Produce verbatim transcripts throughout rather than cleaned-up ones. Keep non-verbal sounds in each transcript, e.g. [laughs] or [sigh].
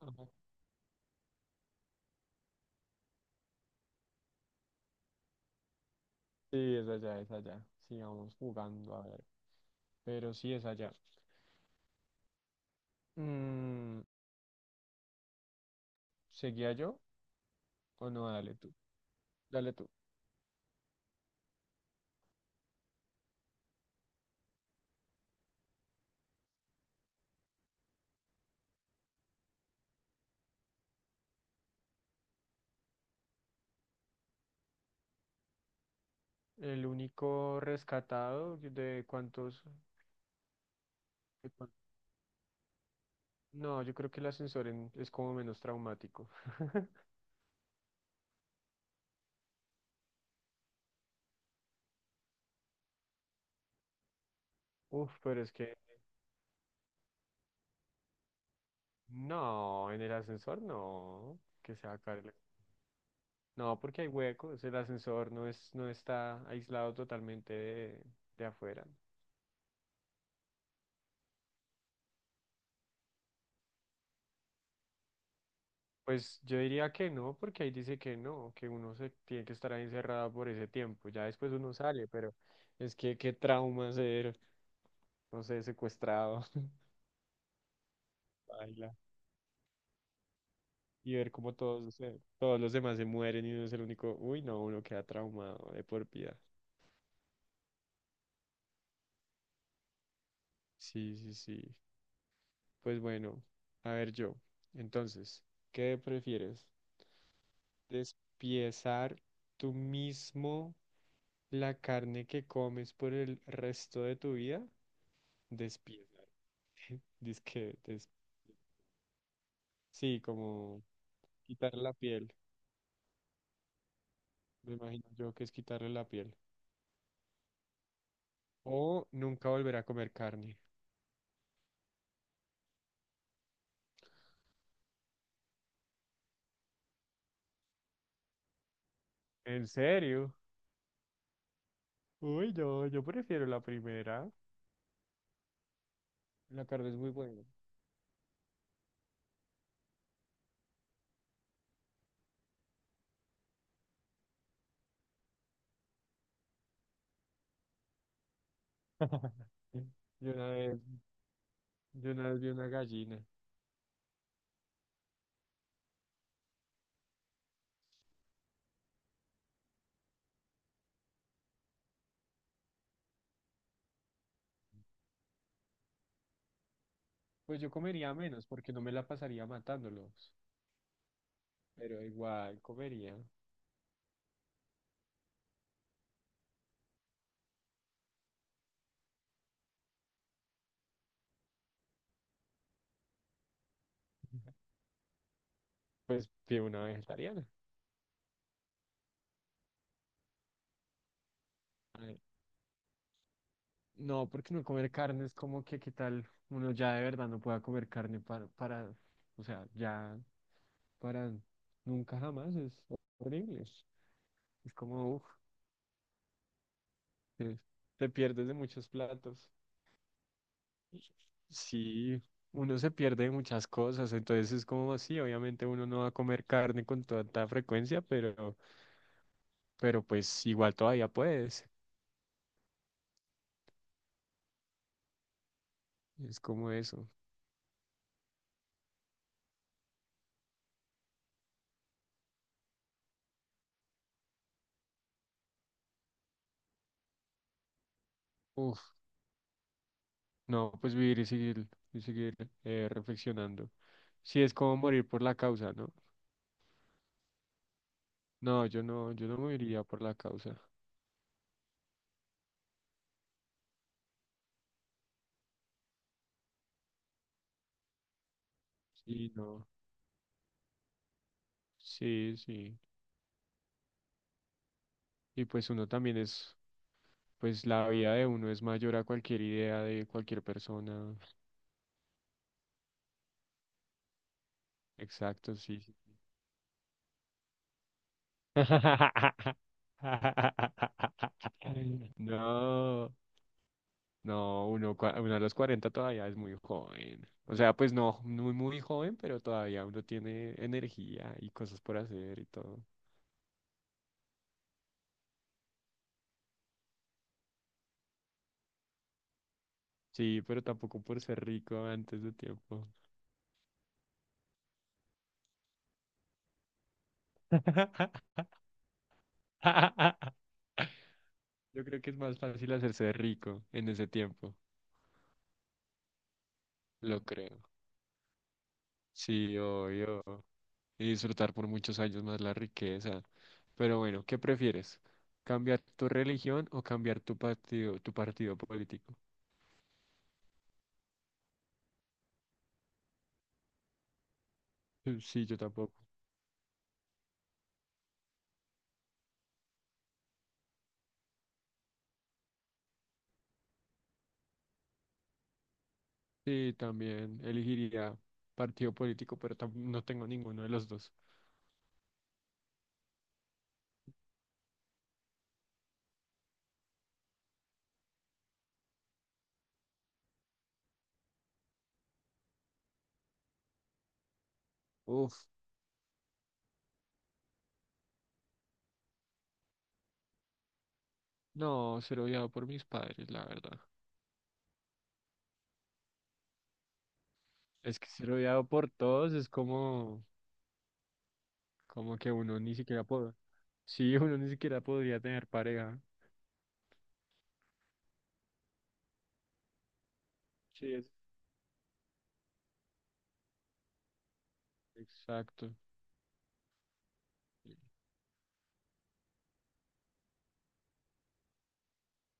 Ajá. Sí, es allá, es allá. Sigamos jugando, a ver. Pero sí es allá. Mm, ¿Seguía yo o no? Dale tú. Dale tú. El único rescatado de cuántos... de cuán- No, yo creo que el ascensor en- es como menos traumático. Uf, pero es que... No, en el ascensor no. Que se va a caer. No, porque hay huecos, el ascensor no es, no está aislado totalmente de, de afuera. Pues yo diría que no, porque ahí dice que no, que uno se tiene que estar ahí encerrado por ese tiempo. Ya después uno sale, pero es que qué trauma ser, no sé, secuestrado, [laughs] baila, y ver cómo todos, se- todos los demás se mueren y uno es el único. Uy, no, uno queda traumado de por vida. Sí, sí, sí. Pues bueno, a ver yo. Entonces, ¿qué prefieres? Despiezar tú mismo la carne que comes por el resto de tu vida, despieza. Dizque, des- sí, como quitar la piel. Me imagino yo que es quitarle la piel. O nunca volver a comer carne. ¿En serio? Uy, yo, yo prefiero la primera. La carne es muy buena. [laughs] Yo una vez, yo una vez vi una gallina. Pues yo comería menos porque no me la pasaría matándolos. Pero igual comería. Pues fui una vegetariana. Ay, no, porque no comer carne es como que, ¿qué tal? Uno ya de verdad no pueda comer carne para, para, o sea, ya para nunca jamás es horrible. Es como, uff, te, te pierdes de muchos platos. Sí, uno se pierde de muchas cosas, entonces es como así, obviamente uno no va a comer carne con tanta frecuencia, pero, pero pues igual todavía puedes. Es como eso. Uf, no, pues vivir y seguir, y seguir eh, reflexionando. Si es como morir por la causa, ¿no? No, yo no, yo no moriría por la causa. Sí, no. Sí, sí. Y pues uno también es, pues la vida de uno es mayor a cualquier idea de cualquier persona. Exacto, sí. Sí, sí. [laughs] No. No, uno, cua- uno a los cuarenta todavía es muy joven. O sea, pues no, muy, muy joven, pero todavía uno tiene energía y cosas por hacer y todo. Sí, pero tampoco por ser rico antes de tiempo. [laughs] Yo creo que es más fácil hacerse rico en ese tiempo. Lo creo. Sí, obvio. Y disfrutar por muchos años más la riqueza. Pero bueno, ¿qué prefieres? ¿Cambiar tu religión o cambiar tu partido, tu partido político? Eh, Sí, yo tampoco. Sí, también elegiría partido político, pero tam- no tengo ninguno de los dos. Uf, no, ser odiado por mis padres, la verdad. Es que ser odiado por todos es como, como que uno ni siquiera puede. Sí, [laughs] uno ni siquiera podría tener pareja. Sí, es. Exacto.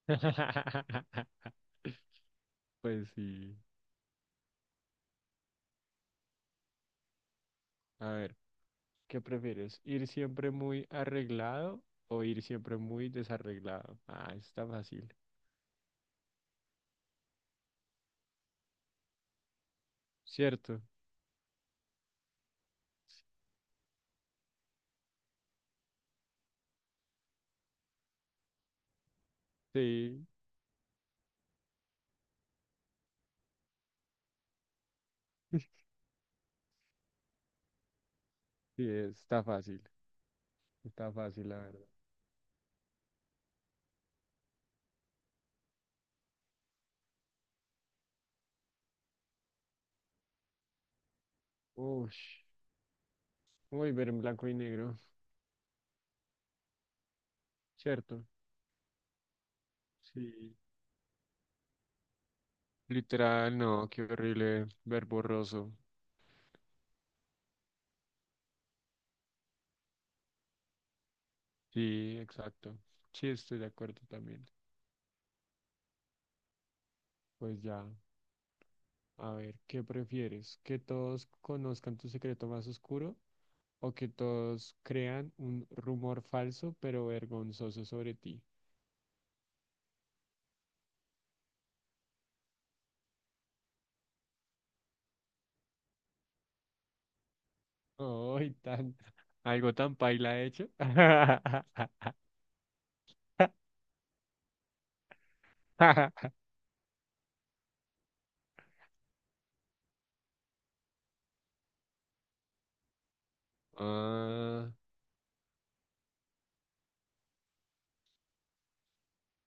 [laughs] Pues sí. A ver, ¿qué prefieres? ¿Ir siempre muy arreglado o ir siempre muy desarreglado? Ah, está fácil. ¿Cierto? Sí. [laughs] Sí, está fácil, está fácil, la verdad. Uy, uy, ver en blanco y negro, ¿cierto? Sí. Literal, no, qué horrible ver borroso. Sí, exacto. Sí, estoy de acuerdo también. Pues ya, a ver, ¿qué prefieres? ¿Que todos conozcan tu secreto más oscuro o que todos crean un rumor falso pero vergonzoso sobre ti? Ay, tan, algo tan paila hecho. [laughs] Ah,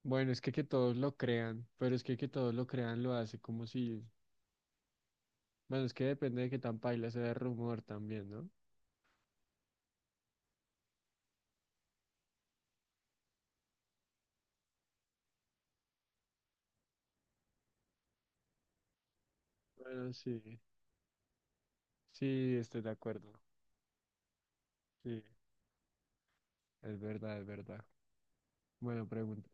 bueno, es que que todos lo crean, pero es que que todos lo crean lo hace como si... Bueno, es que depende de qué tan paila sea el rumor también, ¿no? Bueno, sí, [laughs] sí, estoy de acuerdo. Sí, es verdad, es verdad. Bueno, pregunta.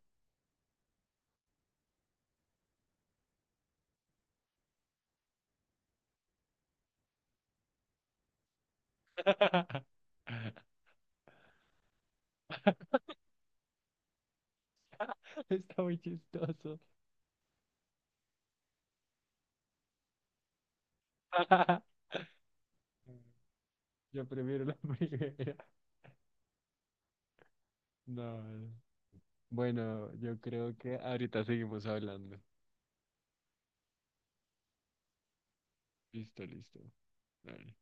[laughs] Está muy chistoso. [laughs] Yo prefiero la [laughs] primera. No. Bueno, yo creo que ahorita seguimos hablando. Listo, listo. Dale.